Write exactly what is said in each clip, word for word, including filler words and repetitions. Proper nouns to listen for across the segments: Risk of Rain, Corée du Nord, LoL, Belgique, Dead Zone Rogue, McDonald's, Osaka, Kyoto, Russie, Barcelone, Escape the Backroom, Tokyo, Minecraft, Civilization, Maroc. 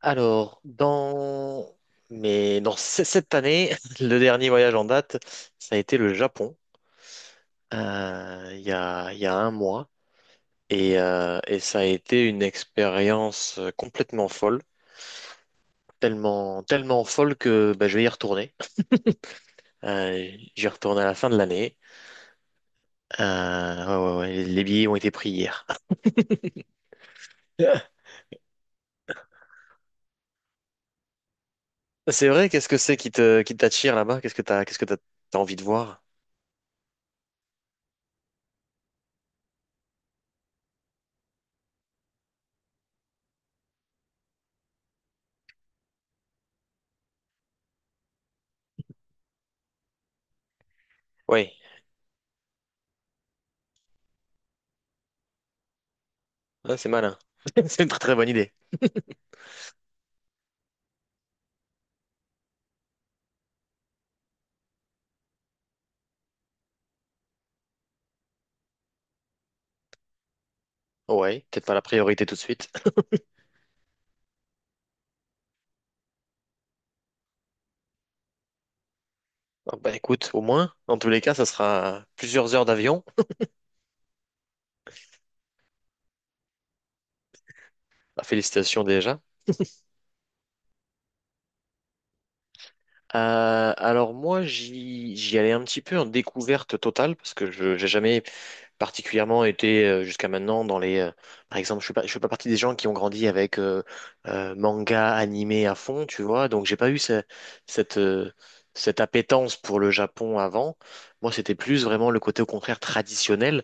Alors, dans mais dans ce- cette année, le dernier voyage en date, ça a été le Japon, euh, il y a, il y a un mois. Et, euh, et ça a été une expérience euh, complètement folle, tellement, tellement folle que bah, je vais y retourner. Euh, J'y retourne à la fin de l'année. Euh, ouais, ouais, ouais, les billets ont été pris hier. C'est vrai, qu'est-ce que c'est qui te, qui t'attire là-bas? Qu'est-ce que t'as, qu'est-ce que t'as, t'as envie de voir? Oui, c'est malin. C'est une très très bonne idée. Ouais, peut-être pas la priorité tout de suite. Ah bah écoute, au moins, dans tous les cas, ça sera plusieurs heures d'avion. Bah, félicitations déjà. Euh, alors moi, j'y j'y allais un petit peu en découverte totale parce que je j'ai jamais particulièrement été euh, jusqu'à maintenant dans les. Euh, par exemple, je suis pas je fais pas partie des gens qui ont grandi avec euh, euh, manga animé à fond, tu vois. Donc j'ai pas eu ce- cette euh, cette appétence pour le Japon avant. Moi, c'était plus vraiment le côté au contraire traditionnel.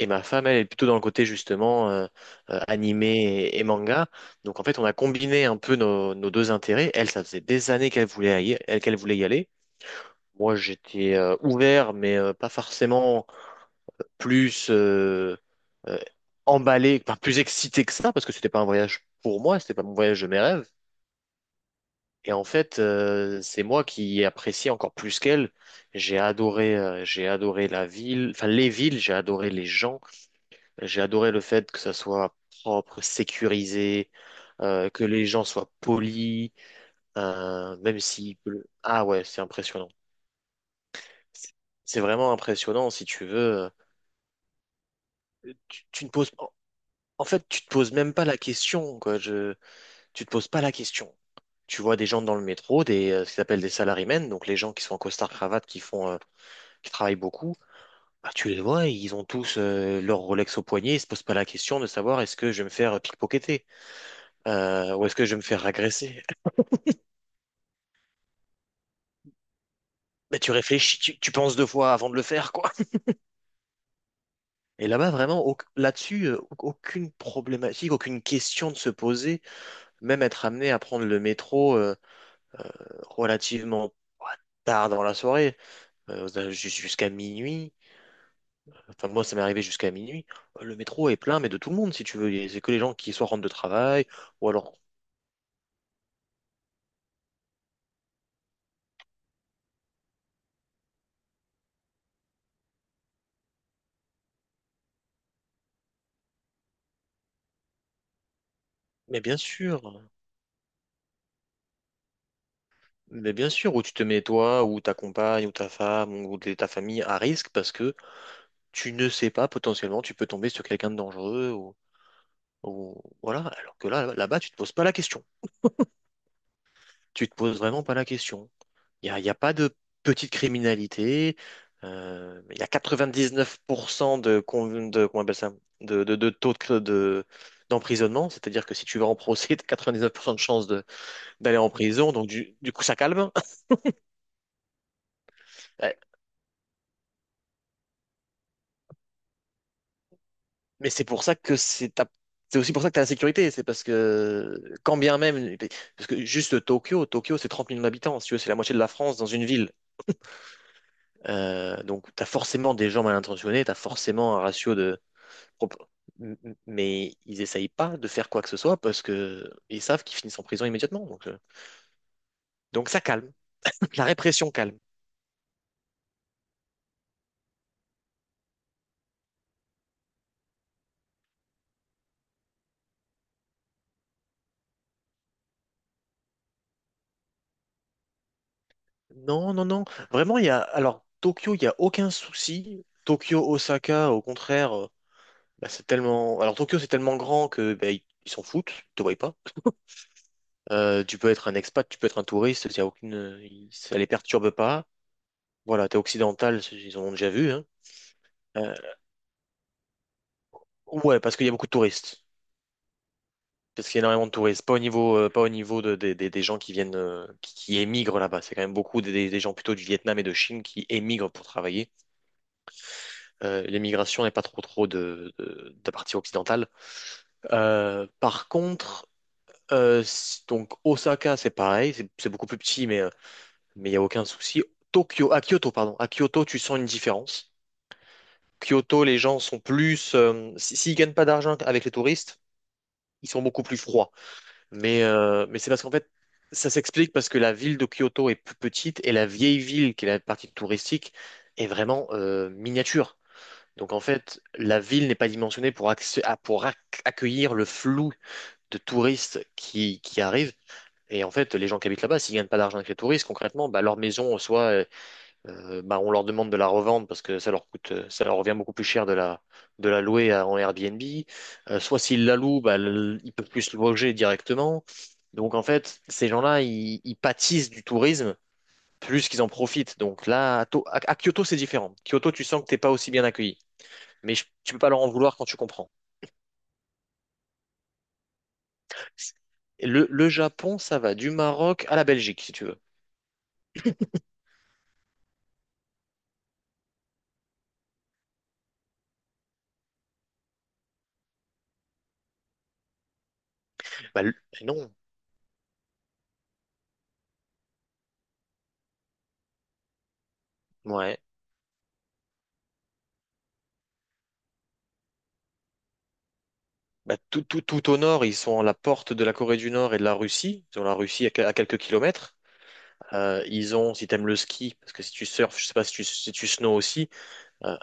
Et ma femme, elle est plutôt dans le côté justement euh, euh, animé et, et manga. Donc en fait, on a combiné un peu nos, nos deux intérêts. Elle, ça faisait des années qu'elle voulait y, elle, qu'elle voulait y aller. Moi, j'étais euh, ouvert, mais euh, pas forcément plus euh, euh, emballé, enfin, plus excité que ça, parce que c'était pas un voyage pour moi, c'était pas mon voyage de mes rêves. Et en fait, euh, c'est moi qui ai apprécié encore plus qu'elle. J'ai adoré, euh, j'ai adoré la ville, enfin les villes, j'ai adoré les gens, j'ai adoré le fait que ça soit propre, sécurisé, euh, que les gens soient polis, euh, même si... Ah ouais, c'est impressionnant. C'est c'est vraiment impressionnant, si tu veux. Euh, Tu, tu ne poses... En en fait, tu te poses même pas la question, quoi. Je... Tu te poses pas la question. Tu vois des gens dans le métro, des, euh, ce qu'ils appellent des salarymen, donc les gens qui sont en costard-cravate, qui font, euh, qui travaillent beaucoup. Bah, tu les vois, ils ont tous euh, leur Rolex au poignet, ils se posent pas la question de savoir est-ce que je vais me faire pickpocketer. Euh, ou est-ce que je vais me faire agresser? Mais tu réfléchis, tu, tu penses deux fois avant de le faire, quoi. Et là-bas, vraiment, au- là-dessus, euh, aucune problématique, aucune question de se poser. Même être amené à prendre le métro euh, euh, relativement, ouais, tard dans la soirée, euh, jus- jusqu'à minuit. Enfin, moi, ça m'est arrivé jusqu'à minuit. Euh, Le métro est plein, mais de tout le monde, si tu veux. Et c'est que les gens qui soit rentrent de travail, ou alors. Mais bien sûr, mais bien sûr, où tu te mets toi, ou ta compagne, ou ta femme, ou de- ta famille à risque parce que tu ne sais pas, potentiellement, tu peux tomber sur quelqu'un de dangereux, ou, ou- voilà. Alors que là, là-bas, tu te poses pas la question. Tu te poses vraiment pas la question. Il n'y a, il y a pas de petite criminalité. Euh, Il y a quatre-vingt-dix-neuf pour cent de, con- de comment on appelle ça, de, de, de taux de, de- d'emprisonnement. C'est-à-dire que si tu vas en procès, tu as quatre-vingt-dix-neuf pour cent de chances de- d'aller en prison. Donc, du, du coup, ça calme. Mais c'est pour ça que c'est ta- c'est aussi pour ça que tu as la sécurité. C'est parce que, quand bien même, parce que juste Tokyo, Tokyo, c'est trente millions d'habitants. Si tu veux, c'est la moitié de la France dans une ville. Euh, donc, tu as forcément des gens mal intentionnés, tu as forcément un ratio de. M- m- Mais ils essayent pas de faire quoi que ce soit parce que ils savent qu'ils finissent en prison immédiatement. Donc, euh, donc ça calme. La répression calme. Non, non, non. Vraiment, il y a. Alors, Tokyo, il n'y a aucun souci. Tokyo, Osaka, au contraire. Euh, Bah, c'est tellement. Alors Tokyo, c'est tellement grand que bah, ils ils s'en foutent, ils te voient pas. Euh, tu peux être un expat, tu peux être un touriste, y a aucune... ils- ça les perturbe pas. Voilà, t'es occidental, ils en ont déjà vu. Hein. Euh, ouais, parce qu'il y a beaucoup de touristes. Parce qu'il y a énormément de touristes. Pas au niveau, euh, pas au niveau de, des des- des gens qui viennent, euh, qui, qui émigrent là-bas. C'est quand même beaucoup des, des- des gens plutôt du Vietnam et de Chine qui émigrent pour travailler. Euh, l'émigration n'est pas trop trop de, de, de la partie occidentale. Euh, par contre, euh, c- donc Osaka, c'est pareil, c'est c'est beaucoup plus petit, mais euh, mais il n'y a aucun souci. Tokyo, à Kyoto, pardon. À Kyoto, tu sens une différence. Kyoto, les gens sont plus. euh, si- s'ils gagnent pas d'argent avec les touristes, ils sont beaucoup plus froids. Mais, euh, mais c'est parce qu'en fait, ça s'explique parce que la ville de Kyoto est plus petite et la vieille ville, qui est la partie touristique, est vraiment euh, miniature. Donc en fait, la ville n'est pas dimensionnée pour, accé- à- pour ac- accueillir le flou de touristes qui, qui arrivent. Et en fait, les gens qui habitent là-bas, s'ils gagnent pas d'argent avec les touristes, concrètement, bah, leur maison, soit Euh, bah, on leur demande de la revendre parce que ça leur coûte, euh, ça leur revient beaucoup plus cher de la, de la louer à- en Airbnb. Euh, soit s'ils la louent, bah, le- ils peuvent plus se loger directement. Donc en fait, ces gens-là, ils, ils pâtissent du tourisme plus qu'ils en profitent. Donc là, à, To- à- à Kyoto, c'est différent. Kyoto, tu sens que t'es pas aussi bien accueilli. Mais je- tu peux pas leur en vouloir quand tu comprends. Le, le Japon, ça va du Maroc à la Belgique, si tu veux. Bah, le- non. Ouais. Bah, tout, tout, tout au nord, ils sont à la porte de la Corée du Nord et de la Russie. Ils ont la Russie à, que- à quelques kilomètres. Euh, ils ont, si t'aimes le ski, parce que si tu surfes, je sais pas si tu, si tu snow aussi. Euh,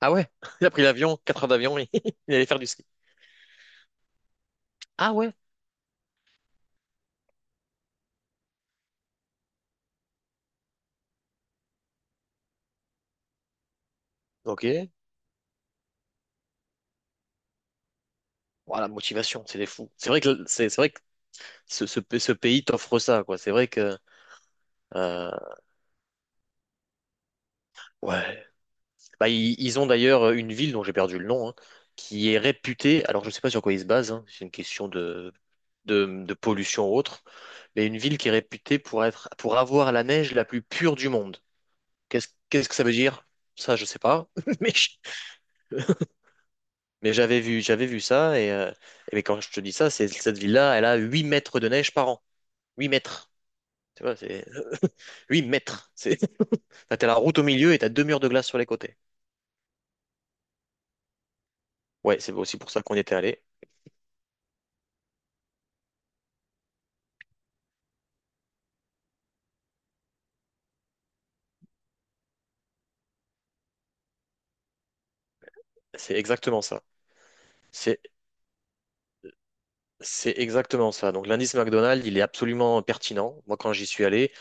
ah ouais, il a pris l'avion, quatre heures d'avion, il est allé faire du ski. Ah ouais, ok. Voilà, motivation, c'est des fous. C'est vrai que c'est c'est vrai que ce, ce, ce pays t'offre ça, quoi. C'est vrai que, euh, ouais. Bah, ils, ils ont d'ailleurs euh, une ville dont j'ai perdu le nom, hein, qui est réputée, alors je ne sais pas sur quoi ils se basent, hein, c'est une question de, de, de pollution ou autre, mais une ville qui est réputée pour être, pour avoir la neige la plus pure du monde. Qu'est-ce, qu'est-ce que ça veut dire? Ça, je sais pas, mais, je- mais j'avais vu, j'avais vu ça, et, euh, et mais quand je te dis ça, c'est cette ville-là, elle a huit mètres de neige par an. Huit mètres. Tu vois, c'est huit mètres. C'est, t'as la route au milieu et t'as deux murs de glace sur les côtés. Ouais, c'est aussi pour ça qu'on y était allé. C'est exactement ça. C'est C'est exactement ça. Donc l'indice McDonald's, il est absolument pertinent. Moi, quand j'y suis allé,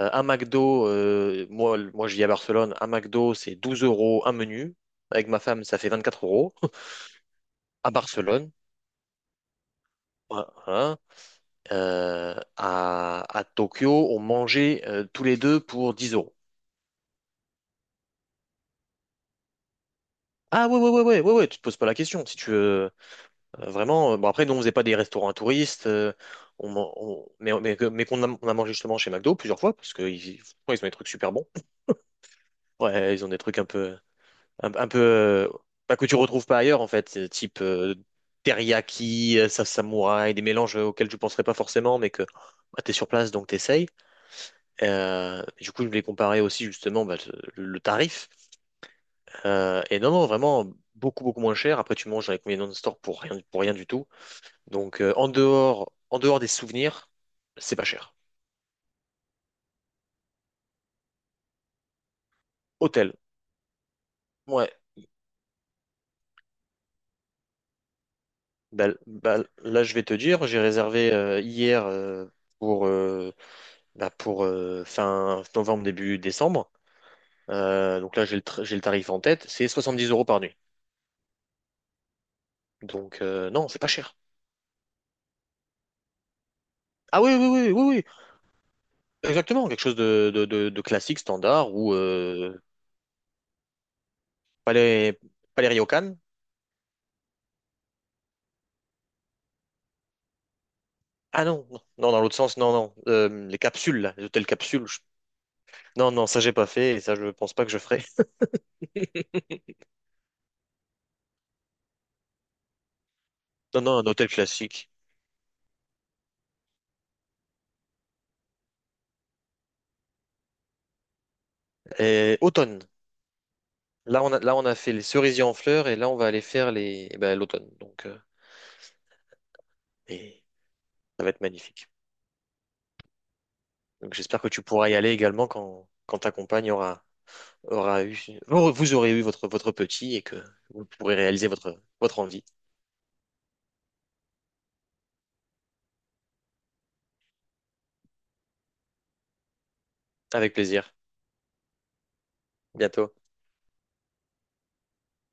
euh, un McDo, euh, moi, le- moi je vis à Barcelone, un McDo, c'est douze euros un menu. Avec ma femme, ça fait vingt-quatre euros. À Barcelone, voilà. Euh, à, à Tokyo, on mangeait euh, tous les deux pour dix euros. Ah ouais, ouais, ouais, ouais, ouais, ouais, tu te poses pas la question. Si tu veux euh, vraiment. Euh, bon, après, nous, on faisait pas des restaurants à touristes. euh, on, man- on- mais mais, que- mais qu'on a, on a mangé justement chez McDo plusieurs fois, parce qu'ils ils font ils ont des trucs super bons. Ouais, ils ont des trucs un peu, un, un peu, euh, pas que tu retrouves pas ailleurs en fait, euh, type euh, teriyaki, euh, sa- samouraï, des mélanges euh, auxquels je penserais pas forcément, mais que bah, t'es sur place donc t'essayes. Euh, du coup, je voulais comparer aussi justement bah, le, le tarif. Euh, et non, non, vraiment beaucoup beaucoup moins cher. Après, tu manges avec les non-stop pour rien, pour rien du tout. Donc euh, en dehors, en dehors des souvenirs, c'est pas cher. Hôtel, ouais. Bah, bah, là, je vais te dire, j'ai réservé euh, hier, euh, pour euh, bah, pour euh, fin novembre, début décembre. Euh, donc là, j'ai le, tra- j'ai le tarif en tête, c'est soixante-dix euros par nuit. Donc euh, non, c'est pas cher. Ah oui, oui, oui, oui, oui, exactement, quelque chose de, de, de- de classique, standard, ou euh, pas les, pas les Ryokan. Ah non, non, non, dans l'autre sens, non, non, Euh, les capsules, là, les hôtels capsules. je- Non, non, ça j'ai pas fait, et ça je pense pas que je ferai. Non, non, un hôtel classique. Et automne. Là, on a, là, on a fait les cerisiers en fleurs, et là, on va aller faire les, eh ben, l'automne. Donc, euh, et ça va être magnifique. Donc j'espère que tu pourras y aller également quand, quand ta compagne aura, aura eu, vous vous aurez eu votre, votre petit et que vous pourrez réaliser votre, votre envie. Avec plaisir. Bientôt.